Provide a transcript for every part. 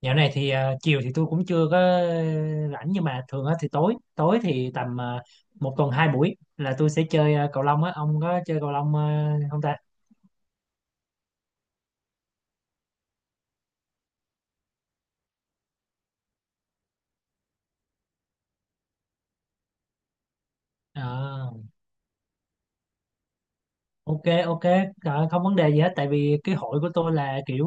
Dạo này thì chiều thì tôi cũng chưa có rảnh nhưng mà thường á thì tối tối thì tầm một tuần hai buổi là tôi sẽ chơi cầu lông á, ông có chơi cầu lông không ta? Ờ, ok, ok. Không vấn đề gì hết, tại vì cái hội của tôi là kiểu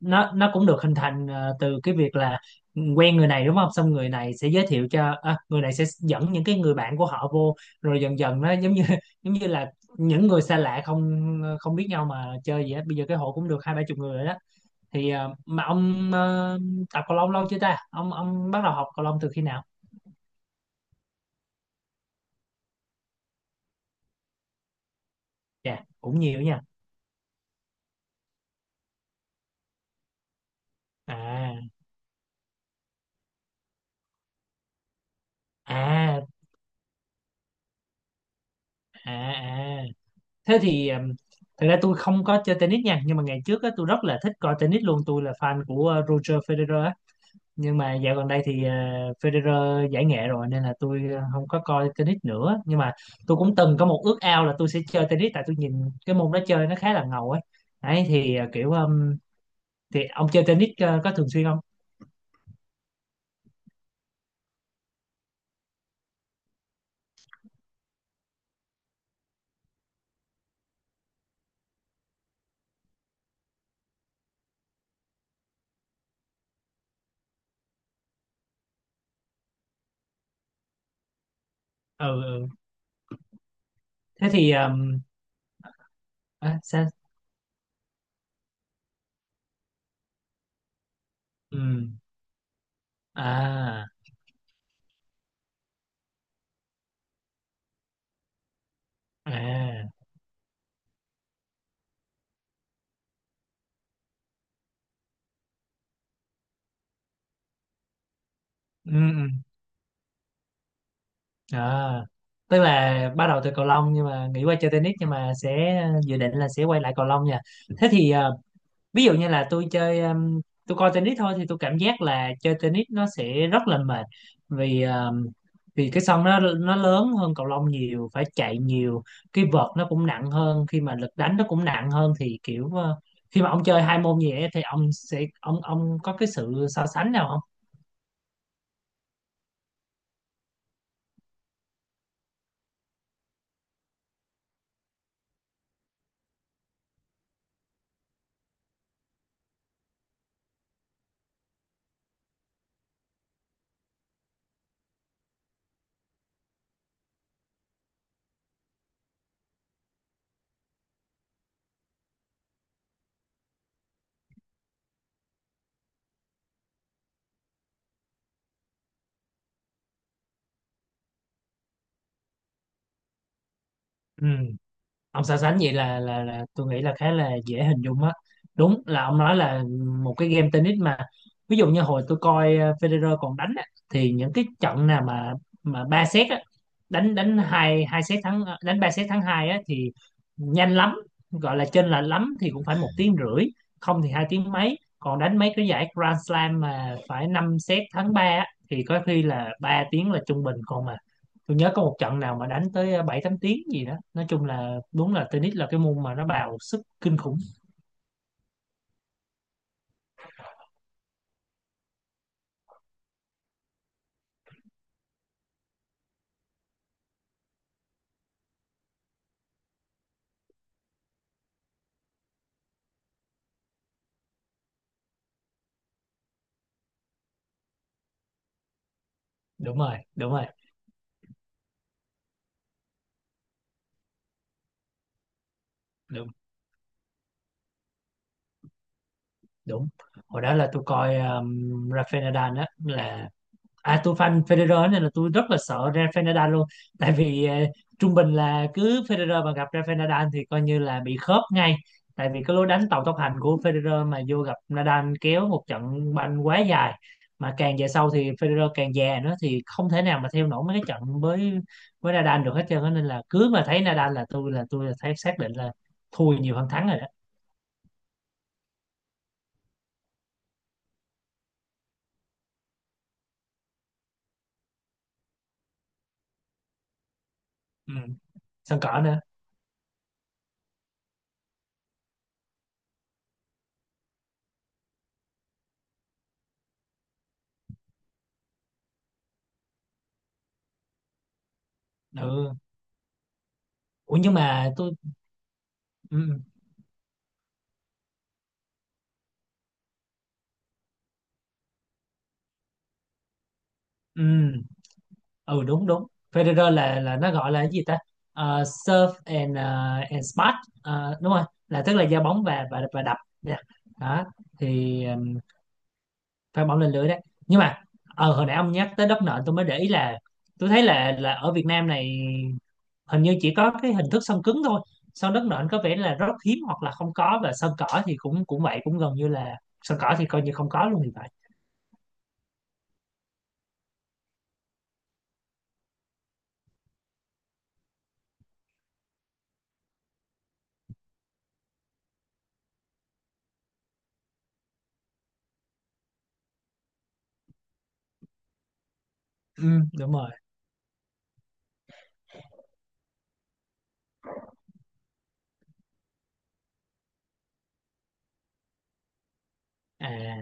nó cũng được hình thành từ cái việc là quen người này đúng không, xong người này sẽ giới thiệu cho người này sẽ dẫn những cái người bạn của họ vô, rồi dần dần nó giống như giống như là những người xa lạ không không biết nhau mà chơi gì hết, bây giờ cái hội cũng được hai ba chục người rồi đó. Mà ông tập cầu lông lâu chưa ta? Ông bắt đầu học cầu lông từ khi nào? Dạ, cũng nhiều nha. À, à, à, à, thế thì thật ra tôi không có chơi tennis nha, nhưng mà ngày trước á, tôi rất là thích coi tennis luôn, tôi là fan của Roger Federer á. Nhưng mà dạo gần đây thì Federer giải nghệ rồi nên là tôi không có coi tennis nữa, nhưng mà tôi cũng từng có một ước ao là tôi sẽ chơi tennis, tại tôi nhìn cái môn đó chơi nó khá là ngầu ấy đấy, thì kiểu thì ông chơi tennis có thường xuyên không? Ừ, ừ. Thế thì à, sao? Ừm, à, à, ừm, ừm, à, tức là bắt đầu từ cầu lông nhưng mà nghĩ qua chơi tennis nhưng mà sẽ dự định là sẽ quay lại cầu lông nha. Thế thì ví dụ như là tôi chơi, tôi coi tennis thôi thì tôi cảm giác là chơi tennis nó sẽ rất là mệt, vì vì cái sân nó lớn hơn cầu lông nhiều, phải chạy nhiều, cái vợt nó cũng nặng hơn, khi mà lực đánh nó cũng nặng hơn, thì kiểu khi mà ông chơi hai môn gì ấy, thì ông sẽ ông có cái sự so sánh nào không? Ừ, ông so sánh vậy là tôi nghĩ là khá là dễ hình dung á, đúng là ông nói là một cái game tennis mà, ví dụ như hồi tôi coi Federer còn đánh á, thì những cái trận nào mà ba set á, đánh đánh hai hai set thắng đánh ba set thắng hai á thì nhanh lắm, gọi là chênh lệch lắm thì cũng phải một tiếng rưỡi, không thì hai tiếng mấy, còn đánh mấy cái giải Grand Slam mà phải 5 set thắng ba á, thì có khi là 3 tiếng là trung bình, còn mà tôi nhớ có một trận nào mà đánh tới 7 8 tiếng gì đó. Nói chung là đúng là tennis là cái môn mà nó bào sức kinh khủng. Đúng rồi, đúng rồi, đúng đúng. Hồi đó là tôi coi Rafael Nadal á là, à tôi fan Federer nên là tôi rất là sợ Rafael Nadal luôn, tại vì trung bình là cứ Federer mà gặp Rafael Nadal thì coi như là bị khớp ngay, tại vì cái lối đánh tàu tốc hành của Federer mà vô gặp Nadal kéo một trận banh quá dài, mà càng về sau thì Federer càng già nữa thì không thể nào mà theo nổi mấy cái trận với Nadal được hết trơn á. Nên là cứ mà thấy Nadal là tôi thấy xác định là thua nhiều hơn thắng rồi đó. Ừ. Sân cỏ nữa. Ừ. Ủa, nhưng mà tôi, ừ. Ừ. Ừ. Ừ, đúng đúng, Federer là nó gọi là cái gì ta? Serve and and spot. Đúng rồi, là tức là giao bóng và đập nha, đó. Thì pha bóng lên lưới đấy. Nhưng mà ờ, hồi nãy ông nhắc tới đất nện tôi mới để ý là tôi thấy là ở Việt Nam này hình như chỉ có cái hình thức sân cứng thôi, sân đất nện có vẻ là rất hiếm hoặc là không có, và sân cỏ thì cũng cũng vậy, cũng gần như là, sân cỏ thì coi như không có luôn thì phải. Ừ, đúng rồi. À,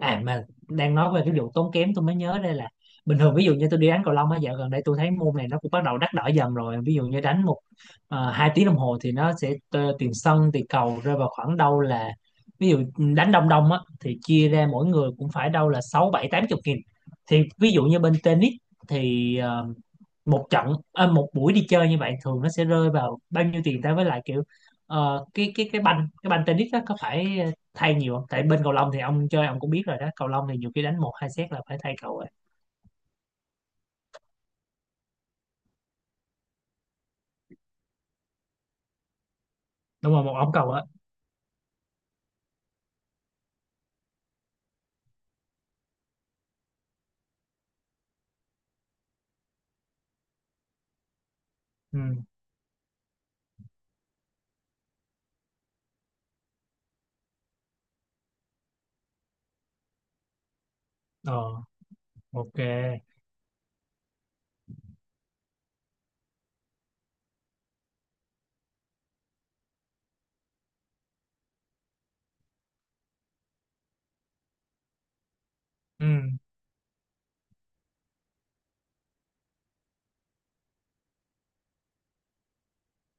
à, mà đang nói về cái vụ tốn kém tôi mới nhớ đây là, bình thường ví dụ như tôi đi đánh cầu lông á, dạo gần đây tôi thấy môn này nó cũng bắt đầu đắt đỏ dần rồi, ví dụ như đánh một hai tiếng đồng hồ thì nó sẽ t- tiền sân tiền cầu rơi vào khoảng đâu là, ví dụ đánh đông đông á thì chia ra mỗi người cũng phải đâu là sáu bảy tám chục nghìn. Thì ví dụ như bên tennis thì một trận, một buổi đi chơi như vậy thường nó sẽ rơi vào bao nhiêu tiền ta, với lại kiểu cái cái banh tennis đó có phải thay nhiều không, tại bên cầu lông thì ông chơi ông cũng biết rồi đó, cầu lông thì nhiều khi đánh một hai set là phải thay cầu rồi. Đúng rồi, một ống cầu á. Ừ, ờ, ok. Ừ,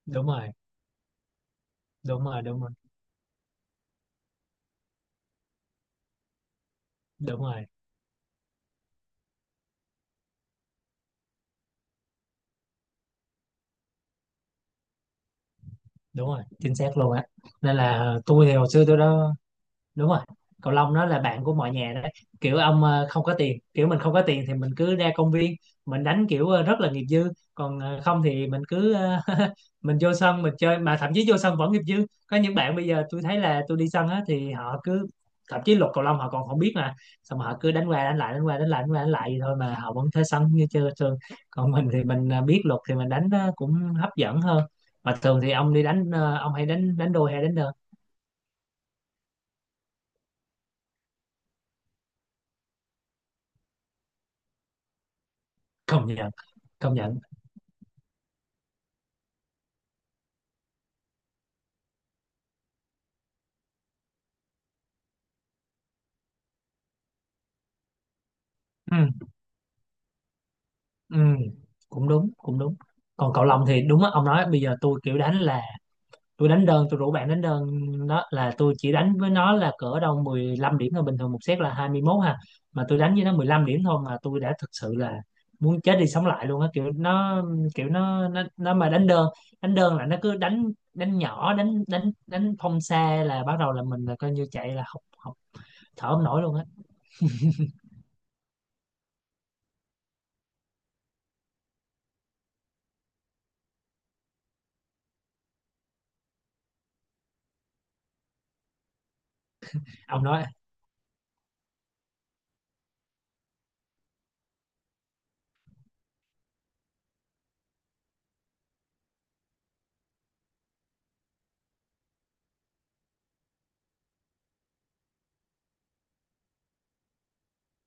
đúng rồi, đúng rồi, đúng rồi, đúng rồi. Đúng rồi, chính xác luôn á, nên là tôi thì hồi xưa tôi đó, đúng rồi, cầu lông nó là bạn của mọi nhà đấy, kiểu ông không có tiền, kiểu mình không có tiền thì mình cứ ra công viên mình đánh kiểu rất là nghiệp dư, còn không thì mình cứ mình vô sân mình chơi, mà thậm chí vô sân vẫn nghiệp dư, có những bạn bây giờ tôi thấy là tôi đi sân á thì họ cứ, thậm chí luật cầu lông họ còn không biết mà, xong họ cứ đánh qua đánh lại đánh qua đánh lại vậy thôi mà họ vẫn thế sân như chơi thường, còn mình thì mình biết luật thì mình đánh nó cũng hấp dẫn hơn. Mà thường thì ông đi đánh, ông hay đánh đánh đôi hay đánh đơn? Công nhận, công nhận. Ừ. Ừ, cũng đúng, cũng đúng. Còn cậu Long thì đúng á, ông nói bây giờ tôi kiểu đánh là tôi đánh đơn, tôi rủ bạn đánh đơn, đó là tôi chỉ đánh với nó là cỡ đâu 15 điểm thôi, bình thường một set là 21 ha. Mà tôi đánh với nó 15 điểm thôi mà tôi đã thực sự là muốn chết đi sống lại luôn á, kiểu nó, kiểu nó mà đánh đơn là nó cứ đánh đánh nhỏ, đánh đánh đánh phong xa là bắt đầu là mình là coi như chạy là học học thở không nổi luôn á. Ông nói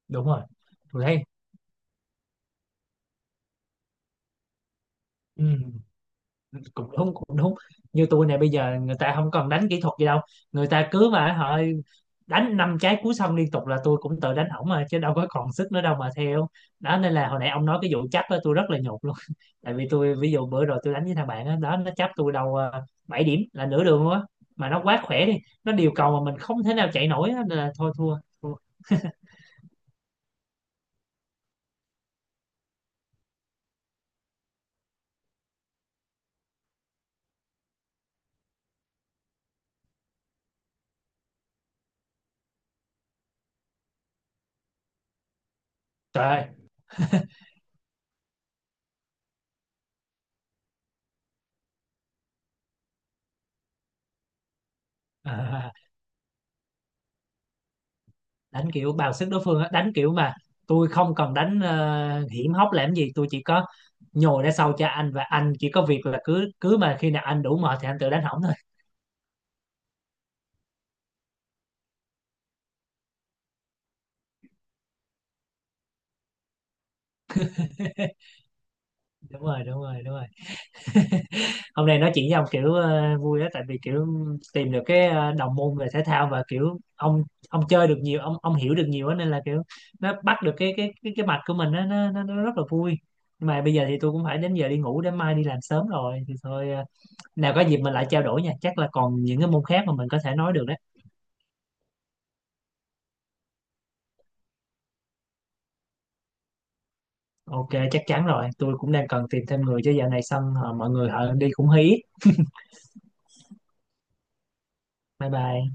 đúng rồi. Tôi thấy ừ, cũng đúng cũng đúng, như tôi này bây giờ người ta không cần đánh kỹ thuật gì đâu, người ta cứ mà họ đánh năm trái cú xong liên tục là tôi cũng tự đánh ổng mà, chứ đâu có còn sức nữa đâu mà theo, đó nên là hồi nãy ông nói cái vụ chấp á tôi rất là nhột luôn tại vì tôi ví dụ bữa rồi tôi đánh với thằng bạn đó, đó nó chấp tôi đầu 7 điểm là nửa đường luôn á, mà nó quá khỏe đi, nó điều cầu mà mình không thể nào chạy nổi á, nên là thôi, thua, thua. Trời ơi đánh kiểu bào sức đối phương á, đánh kiểu mà tôi không cần đánh hiểm hóc làm gì, tôi chỉ có nhồi ra sau cho anh và anh chỉ có việc là cứ cứ mà khi nào anh đủ mệt thì anh tự đánh hỏng thôi. Đúng rồi, đúng rồi, đúng rồi, hôm nay nói chuyện với ông kiểu vui đó, tại vì kiểu tìm được cái đồng môn về thể thao, và kiểu ông chơi được nhiều, ông hiểu được nhiều á, nên là kiểu nó bắt được cái cái mạch của mình á, nó rất là vui. Nhưng mà bây giờ thì tôi cũng phải đến giờ đi ngủ để mai đi làm sớm rồi, thì thôi nào có dịp mình lại trao đổi nha, chắc là còn những cái môn khác mà mình có thể nói được đấy. Ok, chắc chắn rồi, tôi cũng đang cần tìm thêm người chứ dạo này xong mọi người họ đi cũng hí. Bye bye.